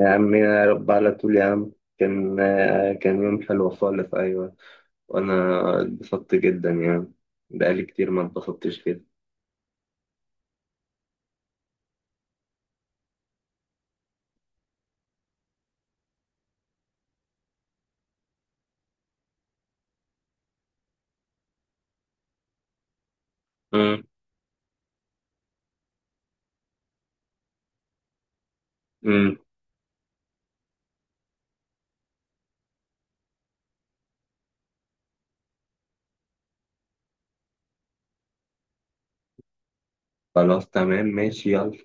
يا عم، يا رب على طول يا عم. كان يوم حلو خالص. أيوة. وأنا اتبسطت جدا يعني. بقالي كتير ما اتبسطتش كده. أمم، أمم. خلاص تمام ماشي يلا.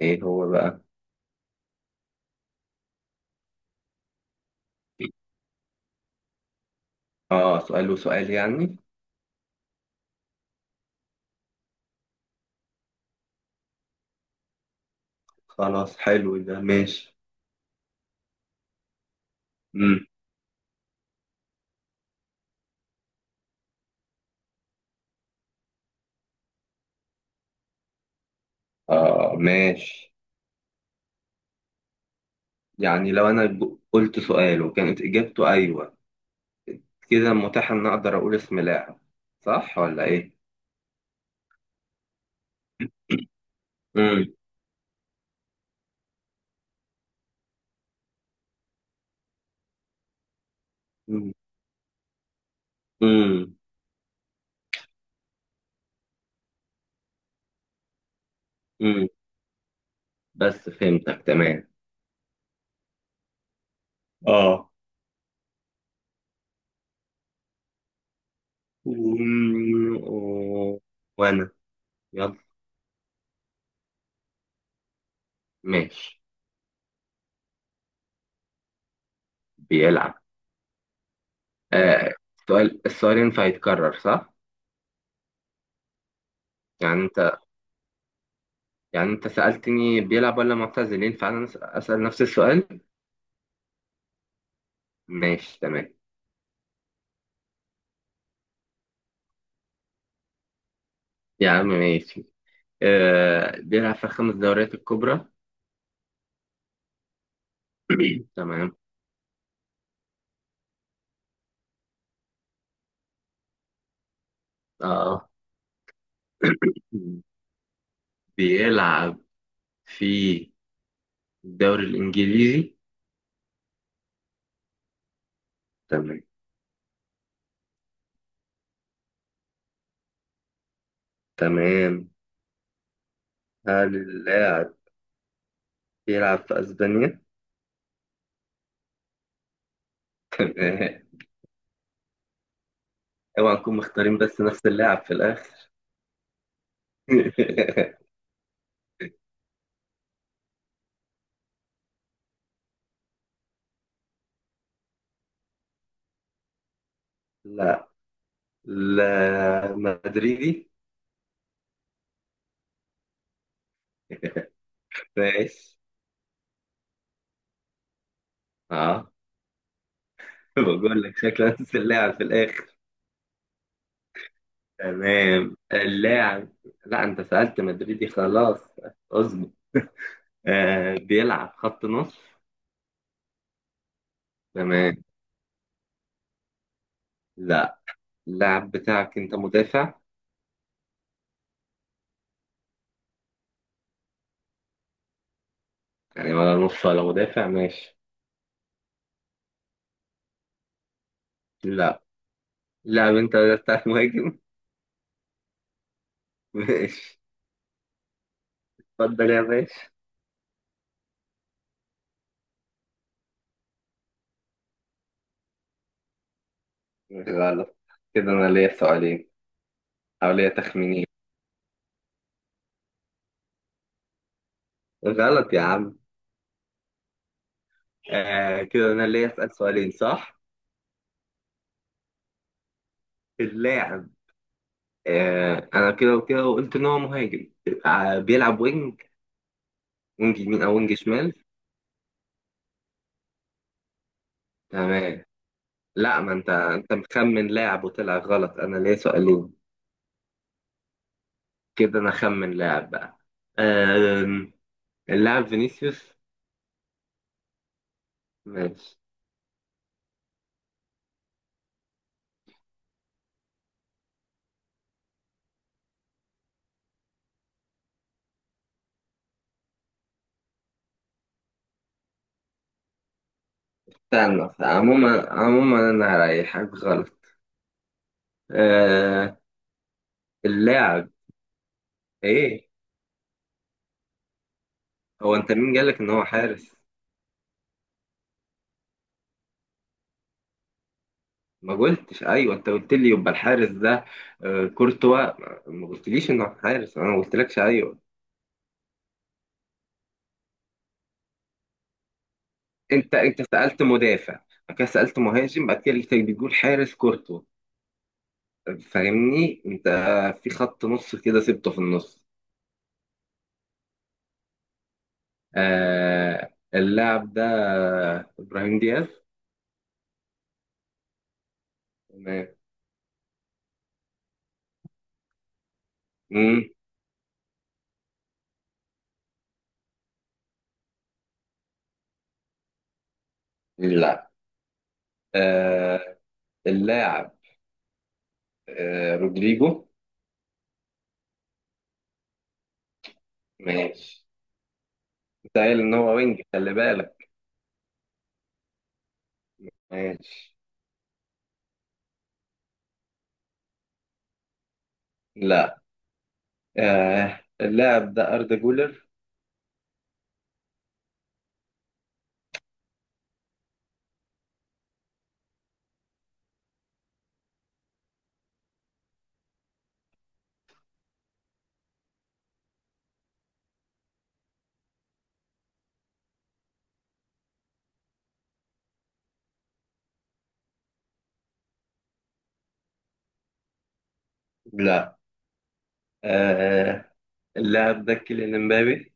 إيه هو بقى؟ آه، سؤال وسؤال يعني. خلاص، حلو ده، ماشي. أمم. آه، ماشي. يعني لو أنا قلت سؤال وكانت إجابته أيوة، كده متاح إن أقدر أقول اسم لاعب، صح ولا إيه؟ أمم، أمم، أمم، بس فهمتك تمام. اه. و- و- وانا، يلا، ماشي، بيلعب. آه، السؤال ينفع يتكرر صح؟ يعني انت يعني انت سألتني بيلعب ولا معتزل، ينفع انا اسأل نفس السؤال؟ ماشي تمام. يا عم ماشي. آه، بيلعب في الخمس دوريات الكبرى. تمام. اه. بيلعب في الدوري الانجليزي. تمام، تمام. هل اللاعب بيلعب في اسبانيا؟ اوعى نكون مختارين بس نفس اللاعب في الاخر. لا، لا مدريدي. ماشي. اه. بقول لك شكله نفس اللاعب في الاخر. تمام، اللاعب. لا، انت سألت مدريدي خلاص. اصبر. آه، بيلعب خط نص. تمام. لا، اللاعب بتاعك انت مدافع. يعني ولا نص ولا مدافع، ماشي. لا، اللاعب انت بتاعك مهاجم. ماشي، اتفضل يا باشا. غلط. كده انا ليا سؤالين، حوالية تخمينين. غلط يا عم. آه، كده انا اللي اسال سؤالين، صح. اللاعب، انا كده وكده وقلت ان هو مهاجم. آه، بيلعب وينج، وينج يمين او وينج شمال. تمام. لا، ما انت مخمن لاعب وطلع غلط، انا ليا سؤالين. كده انا خمن لاعب بقى. آه، اللاعب فينيسيوس. ماشي. استنى، عموما عموما انا هريحك، غلط. آه، اللاعب. ايه، هو انت مين قالك ان هو حارس؟ ما قلتش ايوه، انت قلت لي يبقى الحارس ده. آه، كورتوا ما قلتليش انه حارس، انا ما قلتلكش ايوه. انت سالت مدافع، بعد كده سالت مهاجم، بعد كده لقيتك بتقول حارس كورتوا، فاهمني انت؟ في خط نص كده سبته في النص. آه، اللاعب ده ابراهيم دياز. تمام. مم. لا. آه، اللاعب رودريجو. ماشي. انت قايل ان هو وينج، خلي بالك. ماشي. لا، اللاعب ده أردا جولر. لا، آه اللاعب ده كيليان امبابي.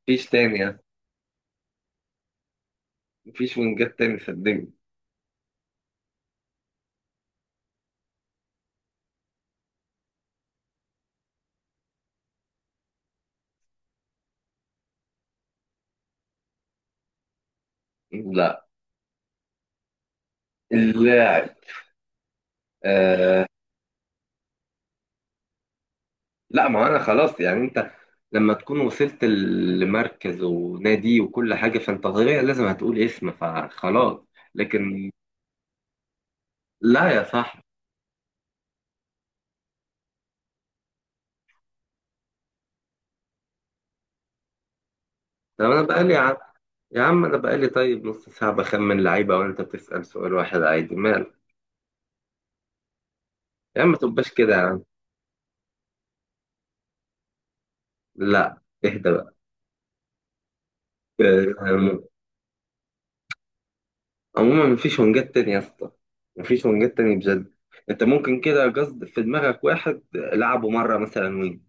مفيش تاني يعني. مفيش وينجات تاني صدقني. لا، اللاعب. آه لا، ما أنا خلاص يعني. أنت لما تكون وصلت لمركز ونادي وكل حاجة، فأنت طبيعي لازم هتقول اسم، فخلاص. لكن لا يا صاحبي. طب أنا بقالي يا عم، يا عم أنا بقالي طيب نص ساعة بخمن لعيبة وأنت بتسأل سؤال واحد عادي، مال. يا عم ما تبقاش كده يا عم. لا، اهدى بقى. آه، عموما مفيش ونجات تاني يا اسطى، مفيش ونجات تاني بجد. انت ممكن كده قصد في دماغك واحد لعبه مره مثلا وين.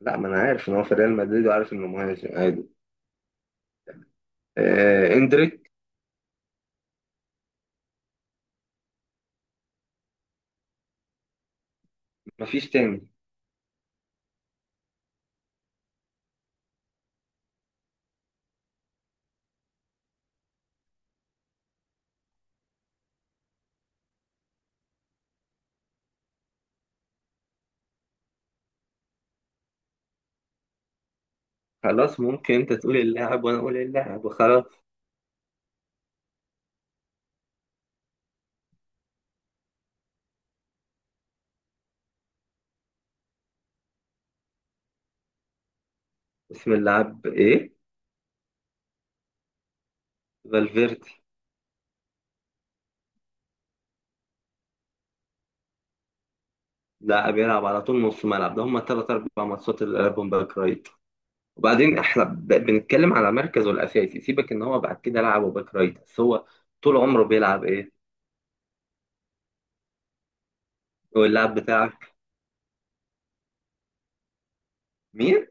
لا، ما انا عارف ان هو في ريال مدريد وعارف انه مهاجم عادي. آه، اندريك. مفيش تاني. خلاص، ممكن انت تقول اللاعب وانا اقول اللاعب وخلاص. اسم اللاعب ايه؟ فالفيردي. لاعب يلعب على طول نص ملعب، ده هم ثلاث اربع ماتشات اللي لعبهم باك رايت. وبعدين احنا بنتكلم على مركزه الاساسي، سيبك ان هو بعد كده لعبه باك رايت، بس هو طول عمره بيلعب ايه؟ هو اللاعب بتاعك. مين؟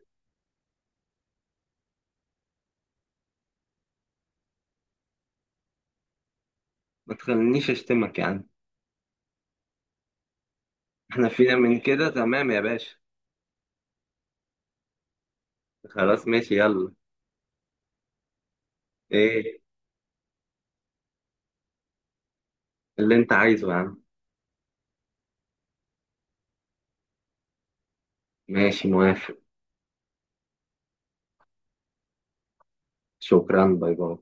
ما تخلينيش اشتمك يا عم. احنا فينا من كده، تمام يا باشا. خلاص ماشي يلا. ايه اللي انت عايزه يا عم؟ ماشي، موافق. شكرا، باي باي.